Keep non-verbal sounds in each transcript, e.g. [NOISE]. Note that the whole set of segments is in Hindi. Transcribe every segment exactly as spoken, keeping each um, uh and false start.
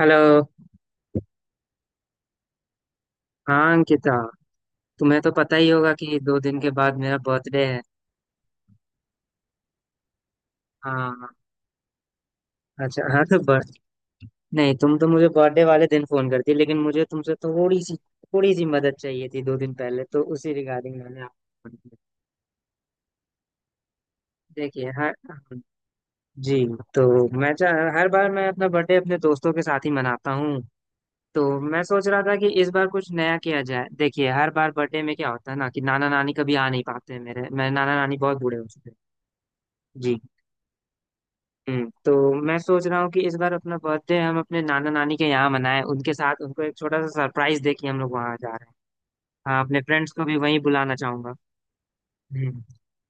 हेलो। हाँ अंकिता। तुम्हें तो पता ही होगा कि दो दिन के बाद मेरा बर्थडे है। हाँ। अच्छा हाँ, तो बर्थ नहीं, तुम तो मुझे बर्थडे वाले दिन फोन करती, लेकिन मुझे तुमसे थोड़ी सी थोड़ी सी मदद चाहिए थी दो दिन पहले, तो उसी रिगार्डिंग मैंने आपको फोन किया। देखिए। हर जी। तो मैं चाह हर बार मैं अपना बर्थडे अपने दोस्तों के साथ ही मनाता हूँ। तो मैं सोच रहा था कि इस बार कुछ नया किया जाए। देखिए, हर बार बर्थडे में क्या होता है ना कि नाना नानी कभी आ नहीं पाते हैं, मेरे मेरे नाना नानी बहुत बूढ़े हो चुके हैं। जी। हम्म, तो मैं सोच रहा हूँ कि इस बार अपना बर्थडे हम अपने नाना नानी के यहाँ मनाएं, उनके साथ, उनको एक छोटा सा सरप्राइज दे कि हम लोग वहाँ जा रहे हैं। हाँ, अपने फ्रेंड्स को भी वहीं बुलाना चाहूंगा। हम्म।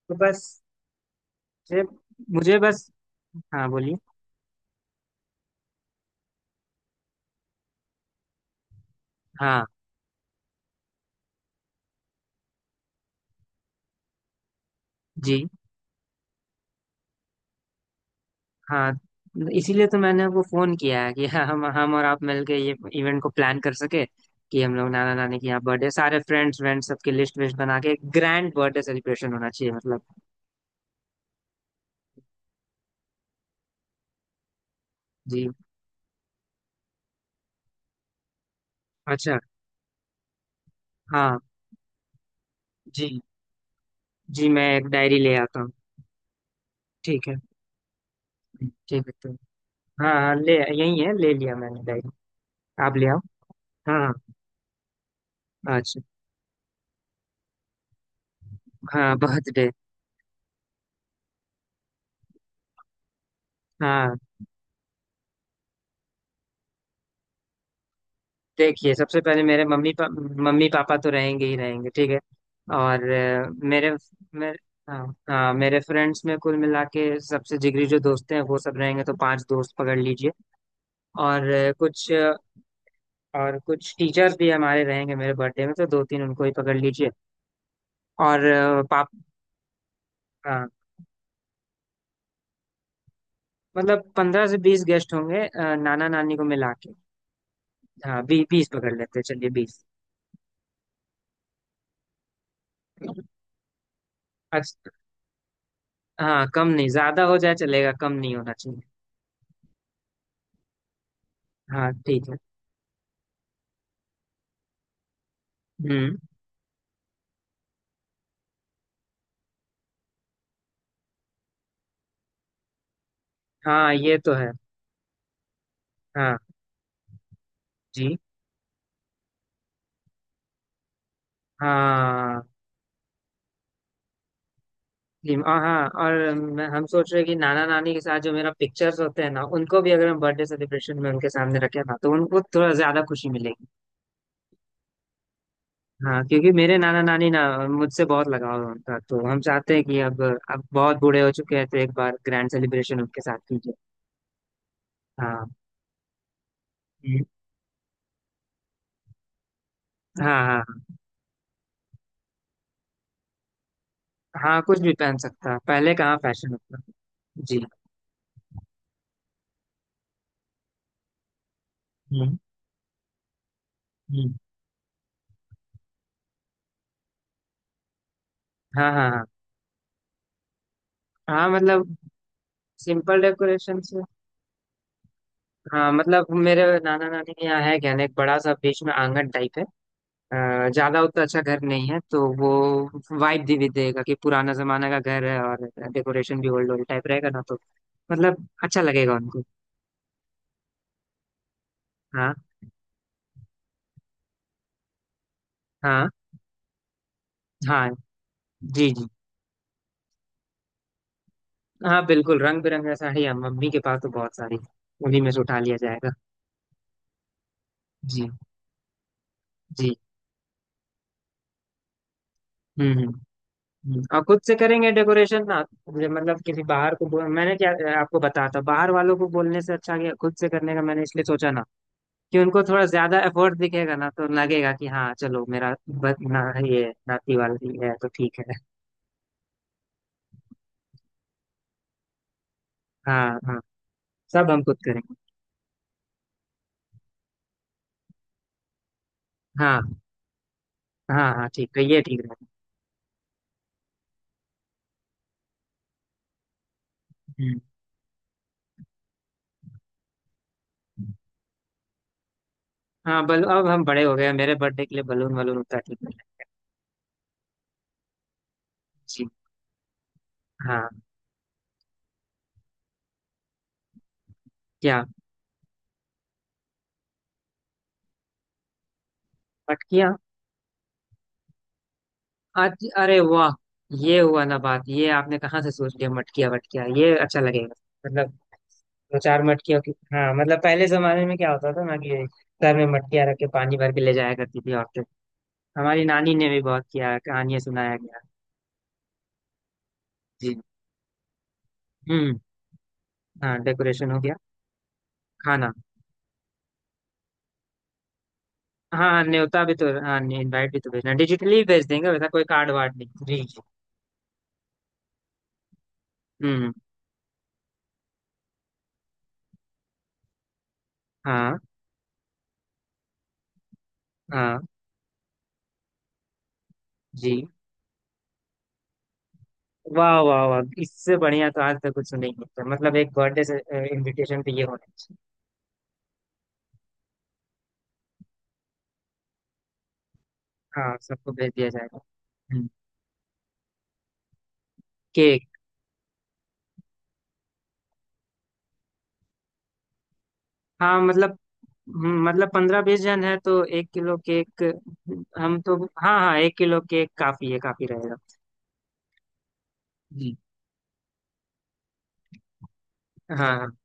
तो बस मुझे मुझे बस। हाँ बोलिए। हाँ जी। हाँ, इसीलिए तो मैंने आपको फोन किया है कि [LAUGHS] हम हम और आप मिलके ये इवेंट को प्लान कर सके कि हम लोग नाना नानी के यहाँ बर्थडे, सारे फ्रेंड्स व्रेंड्स सबके लिस्ट विस्ट बना के ग्रैंड बर्थडे सेलिब्रेशन होना चाहिए, मतलब। जी। अच्छा। हाँ जी। जी मैं एक डायरी ले आता हूँ। ठीक है। ठीक है तो हाँ हाँ, ले। यही है, ले लिया मैंने डायरी। आप ले आओ। हाँ हाँ, अच्छा। हाँ बर्थडे। हाँ। देखिए सबसे पहले मेरे मम्मी पा, मम्मी पापा तो रहेंगे ही रहेंगे, ठीक है। और अ, मेरे मेरे। हाँ। हाँ मेरे फ्रेंड्स में कुल मिला के सबसे जिगरी जो दोस्त हैं वो सब रहेंगे, तो पांच दोस्त पकड़ लीजिए। और अ, कुछ अ, और कुछ टीचर्स भी हमारे रहेंगे मेरे बर्थडे में, तो दो तीन उनको ही पकड़ लीजिए। और अ, पाप हाँ, मतलब पंद्रह से बीस गेस्ट होंगे, अ, नाना नानी को मिला के। हाँ बी, बीस पकड़ लेते हैं, चलिए बीस। अच्छा। हाँ, कम नहीं, ज्यादा हो जाए चलेगा, कम नहीं होना चाहिए। हाँ ठीक है। हम्म। हाँ ये तो है। हाँ जी। हाँ जी, और हाँ, और मैं- हम सोच रहे हैं कि नाना नानी के साथ जो मेरा पिक्चर्स होते हैं ना, उनको भी अगर हम बर्थडे सेलिब्रेशन में उनके सामने रखें ना तो उनको थोड़ा ज्यादा खुशी मिलेगी। हाँ क्योंकि मेरे नाना नानी ना, मुझसे बहुत लगाव है उनका, तो हम चाहते हैं कि अब अब बहुत बूढ़े हो चुके हैं तो एक बार ग्रैंड सेलिब्रेशन उनके साथ कीजिए। हाँ। हम्म। हाँ हाँ। हाँ कुछ भी पहन सकता है, पहले कहाँ फैशन होता था। जी। हम्म। हम्म। हाँ हाँ हाँ। हाँ मतलब सिंपल डेकोरेशन से। हाँ मतलब मेरे नाना नानी के यहाँ है क्या ना, एक बड़ा सा बीच में आंगन टाइप है। अ, ज्यादा उतना अच्छा घर नहीं है, तो वो वाइब भी देगा कि पुराना जमाना का घर है, और डेकोरेशन भी ओल्ड ओल्ड टाइप रहेगा ना, तो मतलब अच्छा लगेगा उनको। हाँ। हाँ। हाँ जी। जी। हाँ बिल्कुल रंग बिरंगा साड़ी है, मम्मी के पास तो बहुत सारी है। उन्हीं में से उठा लिया जाएगा। जी। जी। हम्म। हम्म। हम्म। और खुद से करेंगे डेकोरेशन ना, ये मतलब किसी बाहर को बोल, मैंने क्या आपको बताया था, बाहर वालों को बोलने से अच्छा कि खुद से करने का मैंने इसलिए सोचा ना कि उनको थोड़ा ज्यादा एफर्ट दिखेगा ना, तो लगेगा कि हाँ चलो मेरा ब- ना, ये नाती वाली है तो ठीक है। हाँ हाँ। सब हम खुद करेंगे। हाँ। हाँ हाँ ठीक है, ये ठीक रहेगा। हम्म। हाँ बल अब हम बड़े हो गए हैं, मेरे बर्थडे के लिए बलून वलून उतना ठीक नहीं है। जी। हाँ। क्या। मटकियाँ। आज अरे वाह, ये हुआ ना बात, ये आपने कहाँ से सोच लिया मटकिया वटकिया, ये अच्छा लगेगा। मतलब दो चार मटकियों की। हाँ मतलब पहले जमाने में क्या होता था ना कि सर में मटकियाँ रख के पानी भर के ले जाया करती थी औरतें। हमारी नानी ने भी बहुत किया है, कहानियां सुनाया गया। जी। हम्म। हाँ डेकोरेशन हो गया। खाना। हाँ न्योता भी तो, हाँ इनवाइट भी तो भेजना, डिजिटली ही भेज देंगे, वैसा कोई कार्ड वार्ड नहीं। जी जी। हम्म। हाँ। हाँ। जी। वाह वाह वाह, इससे बढ़िया तो आज तक कुछ सुनेंगे नहीं, होता मतलब एक बर्थडे से, इनविटेशन पे ये होना चाहिए। हाँ सबको भेज दिया जाएगा। हम्म। केक। हाँ मतलब, हम्म, मतलब पंद्रह बीस जन है तो एक किलो केक। हम तो, हाँ हाँ एक किलो केक काफी है, काफी रहेगा। जी। हाँ हाँ।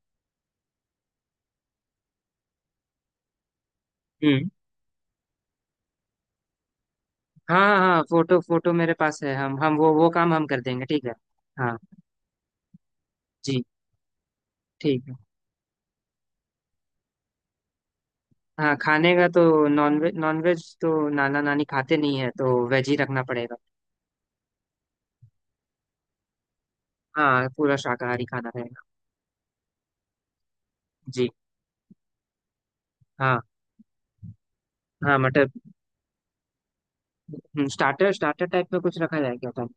हम्म। हाँ हाँ हाँ, फोटो फोटो मेरे पास है, हम हम वो वो काम हम कर देंगे, ठीक है। हाँ। जी। ठीक है। हाँ खाने का तो, नॉनवेज नॉनवेज तो नाना नानी खाते नहीं है, तो वेज ही रखना पड़ेगा। हाँ पूरा शाकाहारी खाना रहेगा। जी। हाँ हाँ मटर, स्टार्टर स्टार्टर टाइप में कुछ रखा जाए क्या था।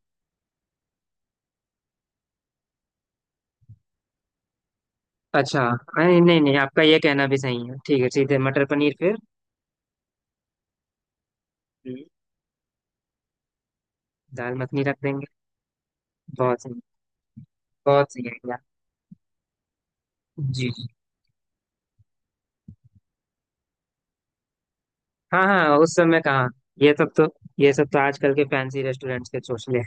अच्छा। नहीं नहीं नहीं, आपका ये कहना भी सही है, ठीक है, सीधे मटर पनीर फिर। हम्म, दाल मखनी रख देंगे। बहुत सही। बहुत सही आइडिया। जी जी। हाँ हाँ उस समय कहाँ, ये सब तो, ये सब तो आजकल के फैंसी रेस्टोरेंट्स के चोचले।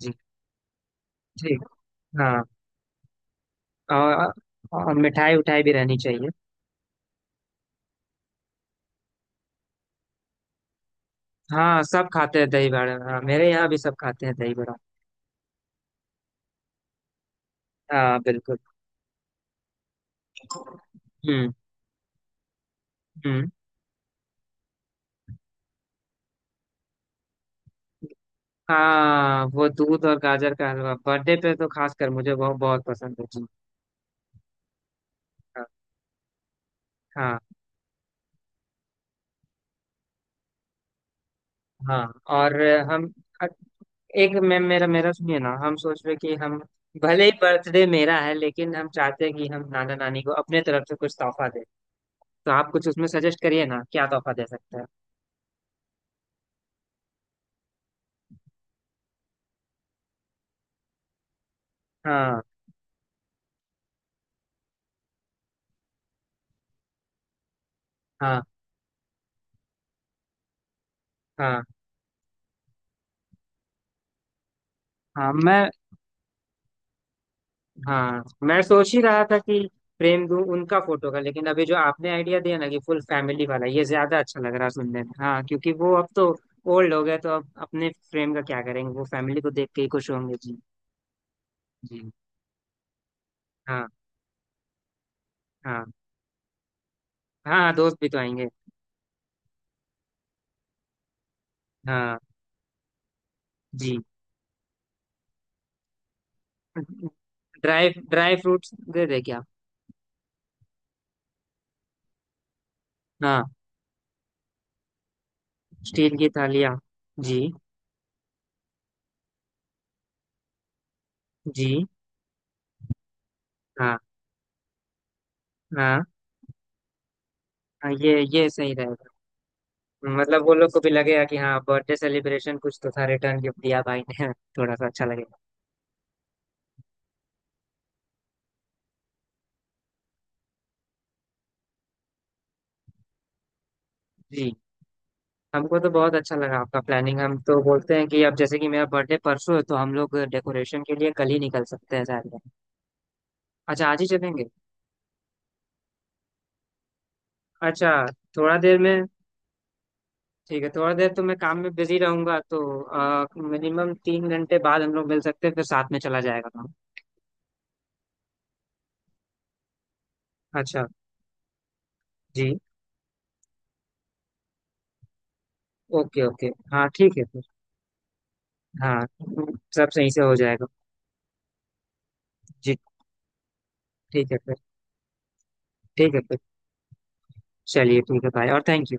जी। ठीक। हाँ। और, और मिठाई उठाई भी रहनी चाहिए। हाँ सब खाते हैं दही बड़ा, हाँ, मेरे यहाँ भी सब खाते हैं दही बड़ा। हाँ बिल्कुल। हम्म। हम्म। हाँ वो दूध और गाजर का हलवा बर्थडे पे तो खासकर मुझे बहुत बहुत पसंद है, जी। हाँ। हाँ। हाँ, और हम, एक मैं, मेरा मेरा सुनिए ना, हम सोच रहे कि हम भले ही बर्थडे मेरा है, लेकिन हम चाहते हैं कि हम नाना नानी को अपने तरफ से कुछ तोहफा दें। तो आप कुछ उसमें सजेस्ट करिए ना, क्या तोहफा दे सकते हैं। हाँ। हाँ। हाँ। हाँ मैं, हाँ मैं सोच ही रहा था कि फ्रेम दूं उनका फोटो का, लेकिन अभी जो आपने आइडिया दिया ना कि फुल फैमिली वाला, ये ज्यादा अच्छा लग रहा है सुनने में, हाँ क्योंकि वो अब तो ओल्ड हो गए तो अब अपने फ्रेम का क्या करेंगे, वो फैमिली को देख के ही खुश होंगे, जी। जी। हाँ। हाँ। हाँ दोस्त भी तो आएंगे। हाँ। जी। ड्राई ड्राई फ्रूट्स दे दे क्या। हाँ। स्टील की थालियाँ। जी। जी। हाँ हाँ हाँ, ये ये सही रहेगा। मतलब वो लोग को भी लगेगा कि हाँ बर्थडे सेलिब्रेशन कुछ तो था, रिटर्न गिफ्ट दिया भाई ने। [LAUGHS] थोड़ा सा अच्छा लगेगा। जी। हमको तो बहुत अच्छा लगा आपका प्लानिंग, हम तो बोलते हैं कि अब जैसे कि मेरा बर्थडे परसों है, तो हम लोग डेकोरेशन के लिए कल ही निकल सकते हैं शायद। अच्छा आज ही चलेंगे। अच्छा। थोड़ा देर में। ठीक है, थोड़ा देर तो मैं काम में बिजी रहूंगा, तो मिनिमम तीन घंटे बाद हम लोग मिल सकते हैं, फिर साथ में चला जाएगा काम। अच्छा। जी। Okay okay. हाँ ठीक है फिर। हाँ। सब सही से हो जाएगा। जी। ठीक है फिर। ठीक है फिर। चलिए ठीक है भाई, और थैंक यू।